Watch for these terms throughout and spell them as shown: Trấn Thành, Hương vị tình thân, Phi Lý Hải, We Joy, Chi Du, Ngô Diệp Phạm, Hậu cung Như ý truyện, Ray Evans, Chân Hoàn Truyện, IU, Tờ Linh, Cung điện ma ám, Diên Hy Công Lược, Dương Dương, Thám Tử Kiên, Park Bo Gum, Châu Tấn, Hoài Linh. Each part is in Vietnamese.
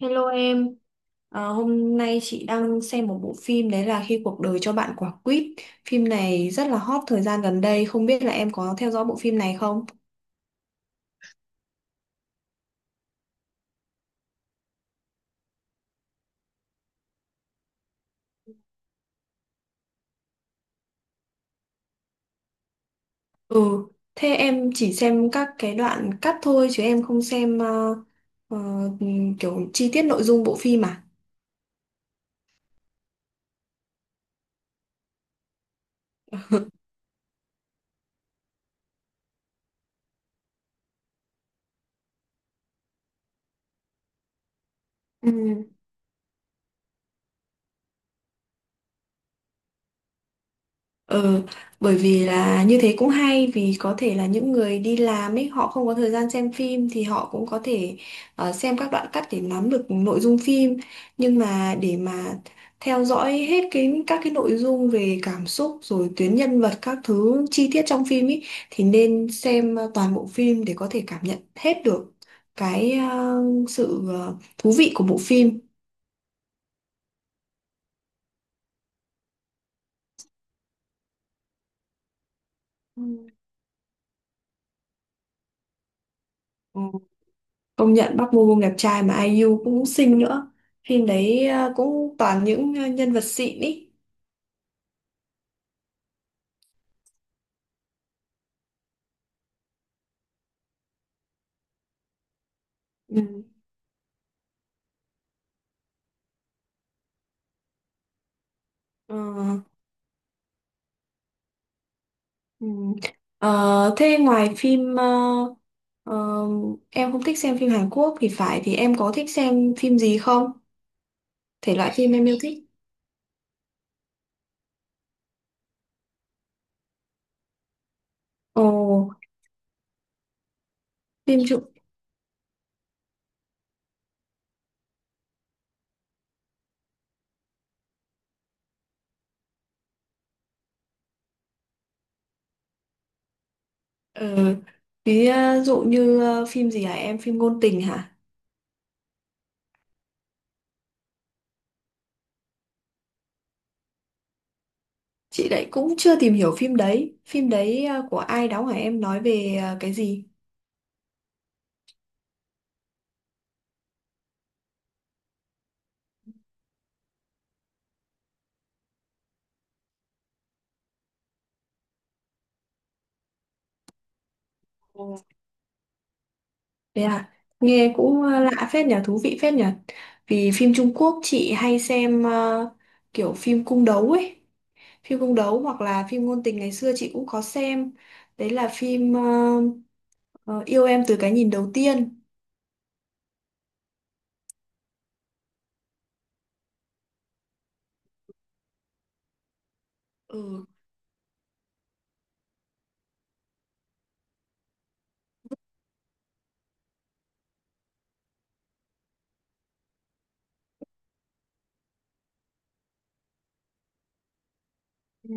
Hello em. Hôm nay chị đang xem một bộ phim đấy là Khi cuộc đời cho bạn quả quýt. Phim này rất là hot thời gian gần đây, không biết là em có theo dõi bộ phim này không? Ừ, thế em chỉ xem các cái đoạn cắt thôi chứ em không xem ờ, kiểu chi tiết nội dung bộ phim à? Ừ. Ờ, Bởi vì là như thế cũng hay vì có thể là những người đi làm ấy họ không có thời gian xem phim thì họ cũng có thể xem các đoạn cắt để nắm được nội dung phim, nhưng mà để mà theo dõi hết cái các cái nội dung về cảm xúc rồi tuyến nhân vật các thứ chi tiết trong phim ấy thì nên xem toàn bộ phim để có thể cảm nhận hết được cái sự thú vị của bộ phim. Ừ. Ừ. Công nhận Park Bo Gum đẹp trai mà ai IU cũng xinh nữa. Phim đấy cũng toàn những nhân vật xịn ý. Ừ. Ờ, ừ. Thế ngoài phim ờ, em không thích xem phim Hàn Quốc thì phải, thì em có thích xem phim gì không? Thể loại phim em yêu thích. Ồ, phim chụp ờ, ví dụ như phim gì hả em? Phim ngôn tình hả? Chị đấy cũng chưa tìm hiểu phim đấy. Phim đấy của ai đóng hả em, nói về cái gì? Thế à, nghe cũng lạ phết nhỉ, thú vị phết nhỉ. Vì phim Trung Quốc chị hay xem kiểu phim cung đấu ấy. Phim cung đấu hoặc là phim ngôn tình ngày xưa chị cũng có xem. Đấy là phim ờ, Yêu em từ cái nhìn đầu tiên. Ừ. Ừ.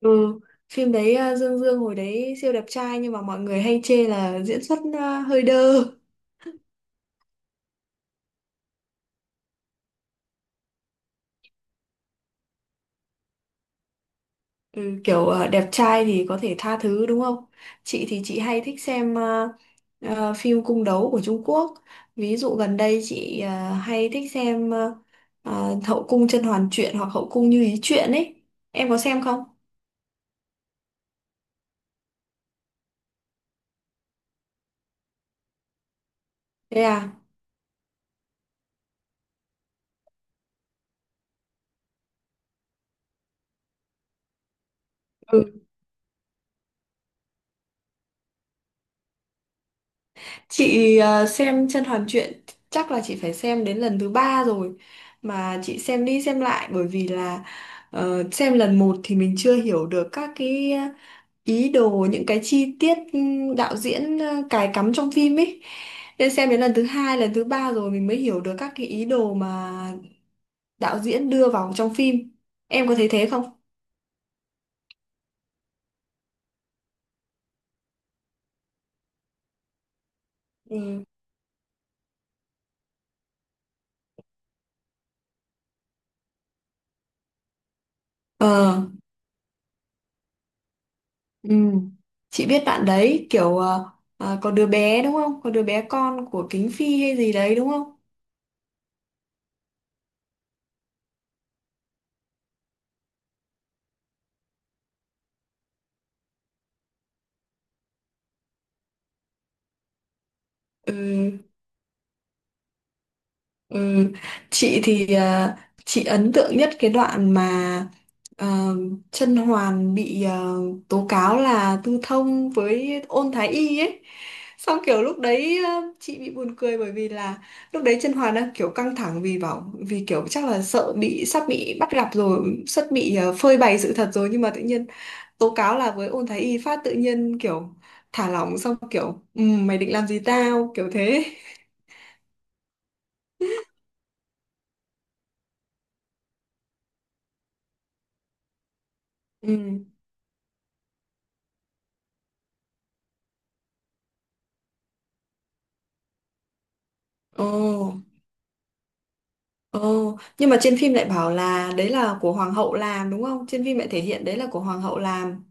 Ừ. Phim đấy Dương Dương hồi đấy siêu đẹp trai nhưng mà mọi người hay chê là diễn xuất hơi đơ. Ừ, kiểu đẹp trai thì có thể tha thứ đúng không? Chị thì chị hay thích xem phim cung đấu của Trung Quốc. Ví dụ gần đây chị hay thích xem Hậu cung甄嬛truyện hoặc Hậu cung Như ý truyện ấy. Em có xem không? Thế à? Chị xem Chân Hoàn Truyện chắc là chị phải xem đến lần thứ ba rồi, mà chị xem đi xem lại bởi vì là xem lần một thì mình chưa hiểu được các cái ý đồ những cái chi tiết, đạo diễn cài cắm trong phim ấy, nên xem đến lần thứ hai lần thứ ba rồi mình mới hiểu được các cái ý đồ mà đạo diễn đưa vào trong phim. Em có thấy thế không? Ừ. Ờ. Ừ. Chị biết bạn đấy kiểu có đứa bé đúng không? Có đứa bé con của Kính Phi hay gì đấy đúng không? Ừ, ừ. Chị thì chị ấn tượng nhất cái đoạn mà ờ, Chân Hoàn bị tố cáo là tư thông với Ôn Thái Y ấy. Xong kiểu lúc đấy chị bị buồn cười bởi vì là lúc đấy Chân Hoàn đang kiểu căng thẳng vì bảo vì kiểu chắc là sợ bị sắp bị bắt gặp rồi, sắp bị phơi bày sự thật rồi, nhưng mà tự nhiên tố cáo là với ôn thái y phát tự nhiên kiểu thả lỏng xong kiểu mày định làm gì tao" kiểu thế. Ừ. Ồ. Ồ, nhưng mà trên phim lại bảo là đấy là của hoàng hậu làm đúng không, trên phim lại thể hiện đấy là của hoàng hậu làm.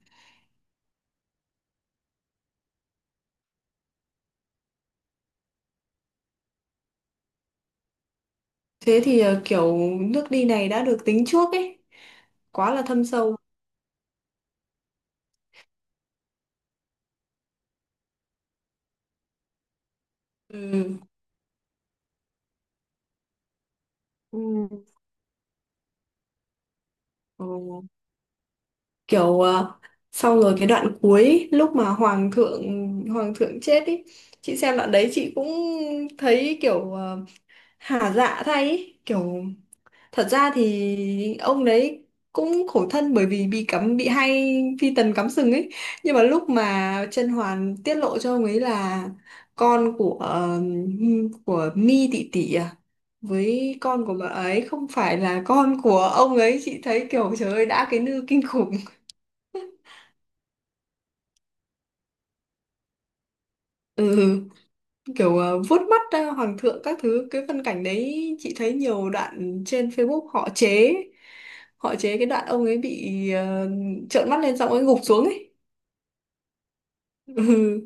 Thế thì kiểu nước đi này đã được tính trước ấy, quá là thâm sâu. Ừ. Ừ. Ồ, kiểu xong rồi cái đoạn cuối lúc mà hoàng thượng chết ý, chị xem đoạn đấy chị cũng thấy kiểu hả dạ thay ý. Kiểu thật ra thì ông đấy cũng khổ thân bởi vì bị cắm bị hay phi tần cắm sừng ấy, nhưng mà lúc mà Chân Hoàn tiết lộ cho ông ấy là con của Mi tỷ tỷ à với con của bà ấy không phải là con của ông ấy, chị thấy kiểu trời ơi đã cái nư kinh khủng. Ừ, kiểu vuốt mắt hoàng thượng các thứ, cái phân cảnh đấy chị thấy nhiều đoạn trên Facebook họ chế, họ chế cái đoạn ông ấy bị trợn mắt lên xong ông ấy gục xuống ấy. Ừ.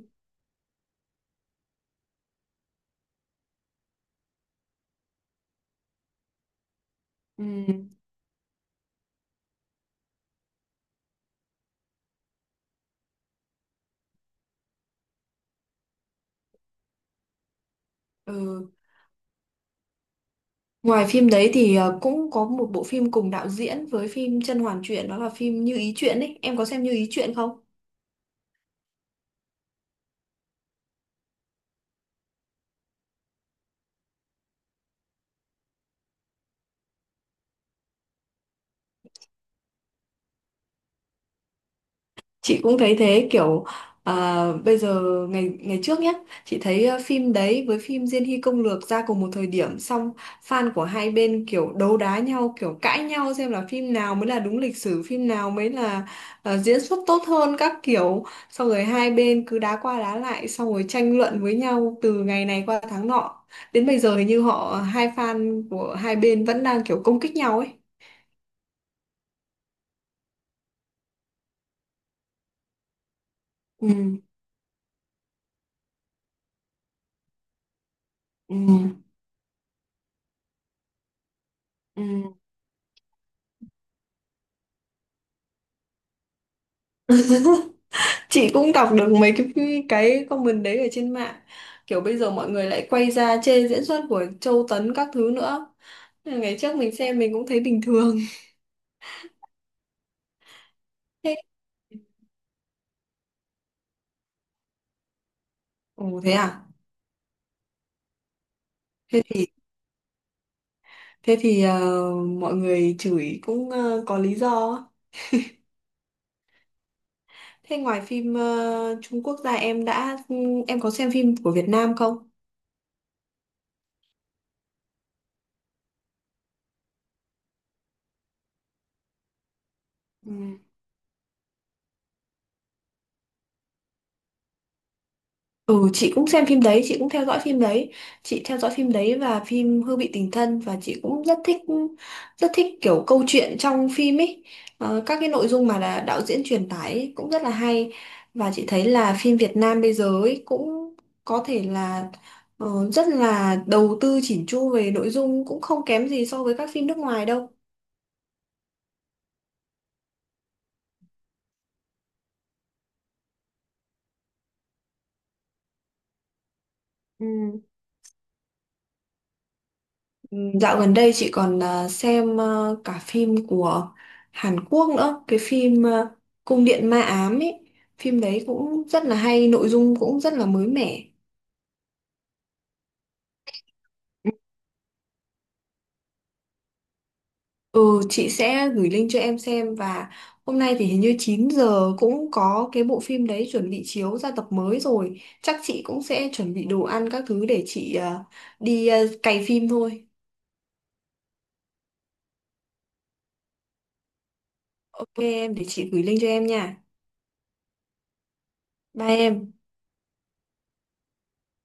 Ừ. Ừ. Ngoài phim đấy thì cũng có một bộ phim cùng đạo diễn với phim Chân Hoàn Truyện, đó là phim Như Ý Truyện ấy. Em có xem Như Ý Truyện không? Chị cũng thấy thế, kiểu à, bây giờ ngày ngày trước nhé, chị thấy phim đấy với phim Diên Hy Công Lược ra cùng một thời điểm, xong fan của hai bên kiểu đấu đá nhau kiểu cãi nhau xem là phim nào mới là đúng lịch sử, phim nào mới là diễn xuất tốt hơn các kiểu, xong rồi hai bên cứ đá qua đá lại xong rồi tranh luận với nhau từ ngày này qua tháng nọ, đến bây giờ hình như họ hai fan của hai bên vẫn đang kiểu công kích nhau ấy. Ừ, ừ, ừ. Chị cũng đọc được mấy cái comment đấy ở trên mạng, kiểu bây giờ mọi người lại quay ra chê diễn xuất của Châu Tấn các thứ nữa. Nên ngày trước mình xem mình cũng thấy bình thường. Thế. Ồ thế à. Thế thì thế thì ờ, mọi người chửi cũng có lý do á. Thế ngoài phim Trung Quốc ra em đã em có xem phim của Việt Nam không? Ừ. Ừ, chị cũng xem phim đấy, chị cũng theo dõi phim đấy. Chị theo dõi phim đấy và phim Hương vị tình thân, và chị cũng rất thích kiểu câu chuyện trong phim ấy. Ờ, các cái nội dung mà là đạo diễn truyền tải ấy cũng rất là hay, và chị thấy là phim Việt Nam bây giờ ấy cũng có thể là rất là đầu tư chỉn chu về nội dung, cũng không kém gì so với các phim nước ngoài đâu. Dạo gần đây chị còn à, xem à, cả phim của Hàn Quốc nữa, cái phim à, Cung điện ma ám ấy, phim đấy cũng rất là hay, nội dung cũng rất là mới mẻ. Ừ, chị sẽ gửi link cho em xem, và hôm nay thì hình như 9 giờ cũng có cái bộ phim đấy chuẩn bị chiếu ra tập mới rồi. Chắc chị cũng sẽ chuẩn bị đồ ăn các thứ để chị à, đi à, cày phim thôi. Ok em, để chị gửi link cho em nha. Bye em.